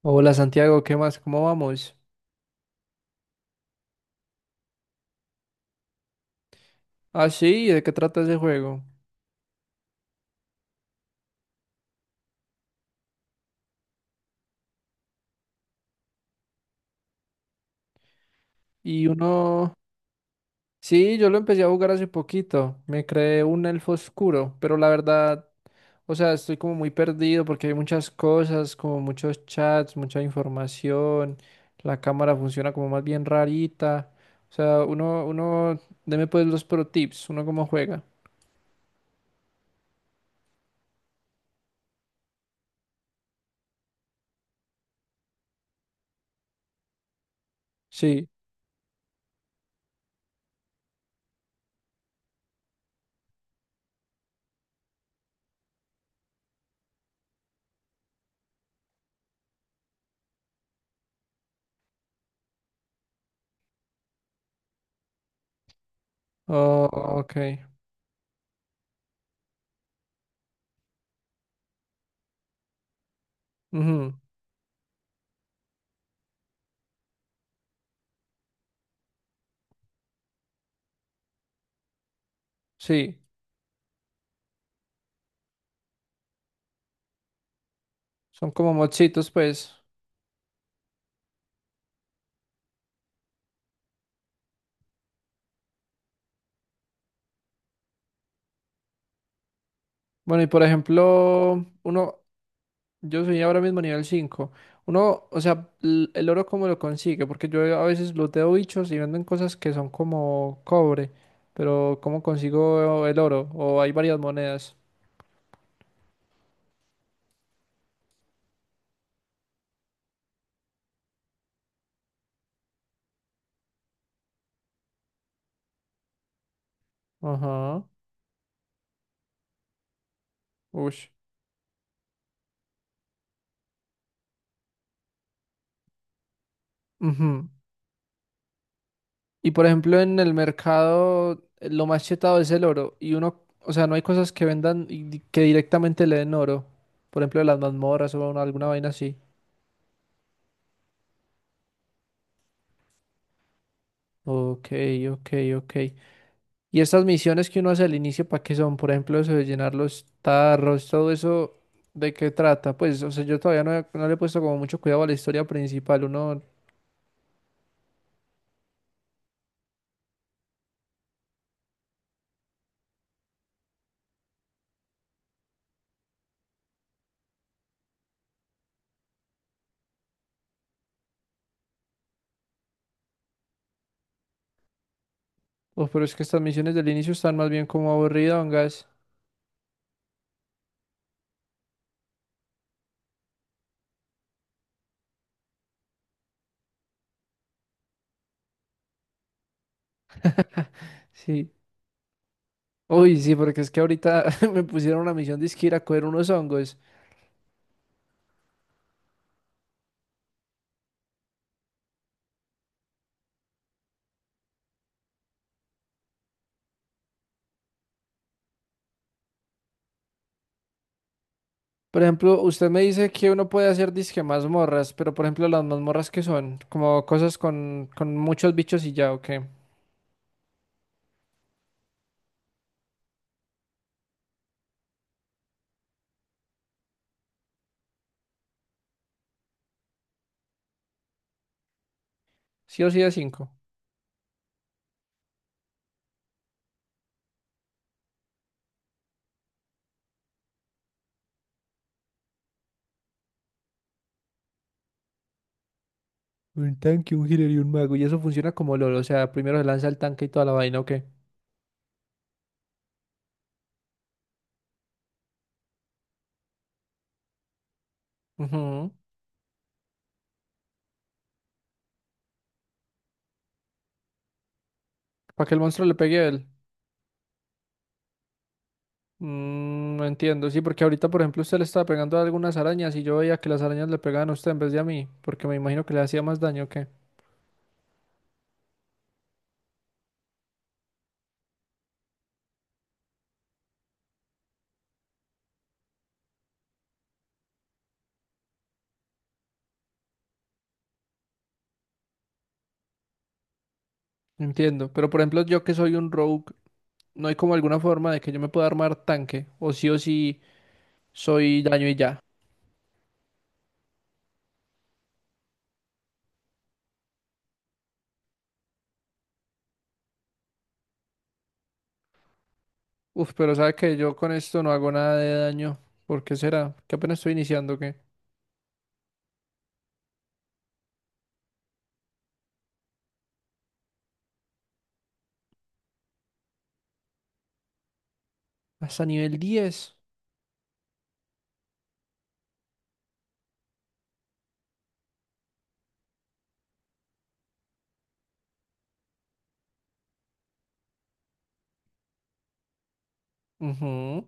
Hola Santiago, ¿qué más? ¿Cómo vamos? Ah, sí, ¿de qué trata ese juego? Y uno... Sí, yo lo empecé a jugar hace poquito. Me creé un elfo oscuro, pero la verdad, o sea, estoy como muy perdido porque hay muchas cosas, como muchos chats, mucha información. La cámara funciona como más bien rarita. O sea, uno, deme pues los pro tips, uno cómo juega. Sí. Oh, ok. Ujú, sí, son como mochitos, pues. Bueno, y por ejemplo, uno, yo soy ahora mismo nivel 5. Uno, o sea, el oro cómo lo consigue, porque yo a veces looteo bichos y venden cosas que son como cobre, pero ¿cómo consigo el oro? ¿O hay varias monedas? Ajá. Ush. Ujú. Y por ejemplo, en el mercado lo más chetado es el oro. Y uno, o sea, no hay cosas que vendan y que directamente le den oro. Por ejemplo, las mazmorras o alguna vaina así. Ok, ok, ok. Y estas misiones que uno hace al inicio, ¿para qué son? Por ejemplo, eso de llenar los tarros, todo eso, ¿de qué trata? Pues, o sea, yo todavía no le he puesto como mucho cuidado a la historia principal, uno... Oh, pero es que estas misiones del inicio están más bien como aburridongas. Sí. Uy, sí, porque es que ahorita me pusieron una misión de ir a coger unos hongos. Por ejemplo, usted me dice que uno puede hacer disque mazmorras, pero por ejemplo, las mazmorras que son, como cosas con muchos bichos y ya, ¿o qué? Sí o sí de cinco. Un tanque, un healer y un mago. Y eso funciona como LOL. O sea, primero se lanza el tanque y toda la vaina, ¿o qué? Para que el monstruo le pegue a él. Mm, no entiendo. Sí, porque ahorita, por ejemplo, usted le estaba pegando a algunas arañas y yo veía que las arañas le pegaban a usted en vez de a mí. Porque me imagino que le hacía más daño, ¿o qué? Entiendo. Pero, por ejemplo, yo que soy un rogue, no hay como alguna forma de que yo me pueda armar tanque. O sí soy daño y ya. Uf, pero sabe que yo con esto no hago nada de daño. ¿Por qué será? Que apenas estoy iniciando, ¿o qué? Hasta nivel 10. Ujú.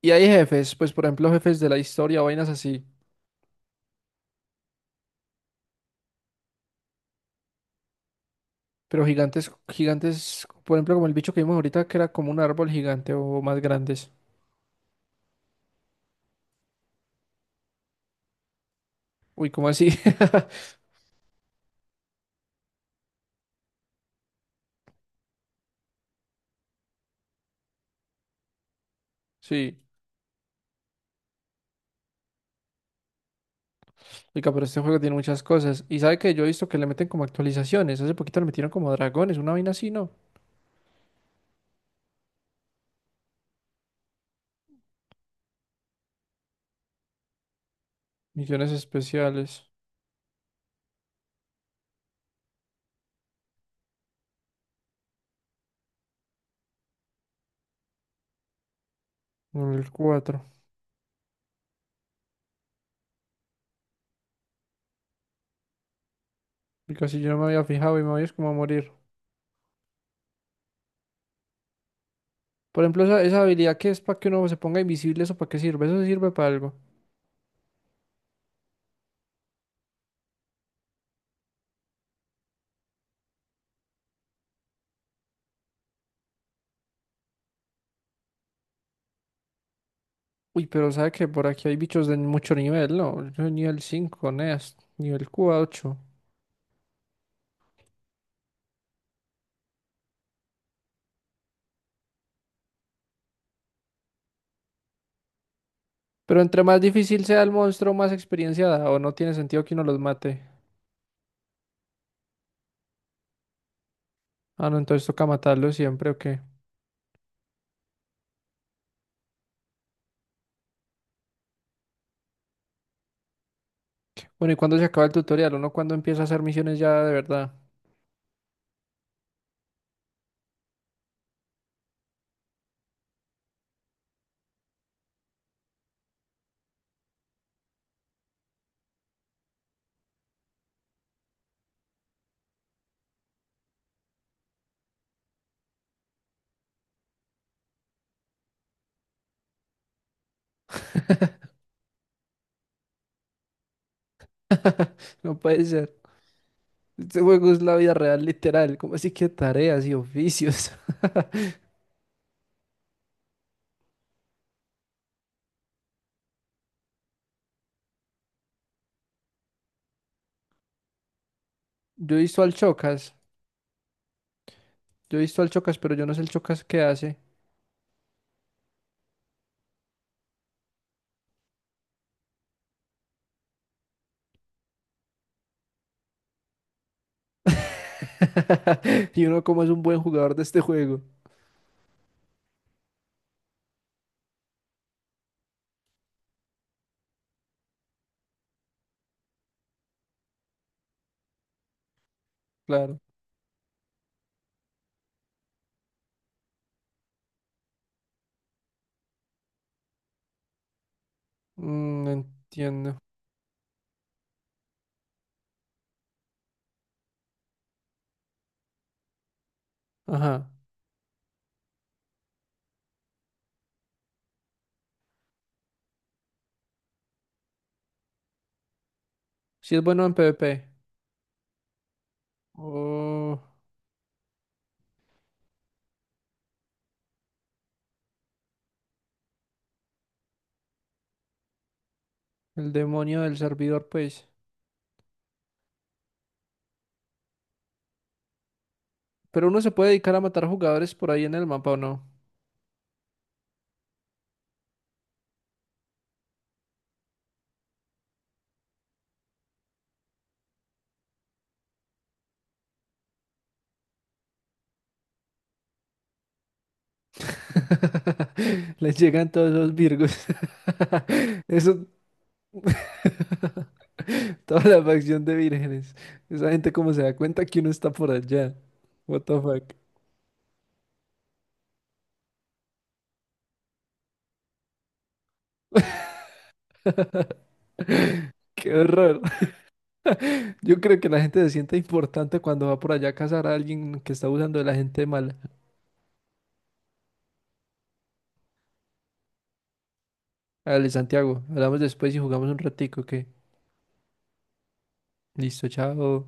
Y hay jefes, pues por ejemplo jefes de la historia, vainas así, pero gigantes, gigantes, por ejemplo como el bicho que vimos ahorita que era como un árbol gigante o más grandes. Uy, ¿cómo así? Sí, oiga, pero este juego tiene muchas cosas. Y sabe que yo he visto que le meten como actualizaciones, hace poquito le metieron como dragones, una vaina así, ¿no? Misiones especiales, nivel 4. Y casi yo no me había fijado y me voy es como a morir. Por ejemplo, esa habilidad que es para que uno se ponga invisible, ¿eso para qué sirve? ¿Eso sirve para algo? Uy, pero sabe que por aquí hay bichos de mucho nivel, ¿no? Yo soy nivel 5, Neas, nivel 8. Pero entre más difícil sea el monstruo, más experiencia da, o no tiene sentido que uno los mate. Ah, no, entonces toca matarlo siempre, ¿o qué? Bueno, ¿y cuándo se acaba el tutorial? ¿Uno cuándo empieza a hacer misiones ya de verdad? No puede ser. Este juego es la vida real, literal. ¿Cómo así que tareas y oficios? Yo he visto al Chocas. Yo he visto al Chocas, pero yo no sé el Chocas qué hace. Y uno como es un buen jugador de este juego. Claro. Mm, entiendo. Ajá. Si es bueno en PvP. Oh, el demonio del servidor, pues. Pero uno se puede dedicar a matar jugadores por ahí en el mapa, ¿o no? Les llegan todos los virgos. Eso, toda la facción de vírgenes. ¿Esa gente como se da cuenta que uno está por allá? What the fuck. Qué horror. Yo creo que la gente se siente importante cuando va por allá a cazar a alguien que está usando de la gente mala. Dale, Santiago, hablamos después y jugamos un ratico, que listo, chao.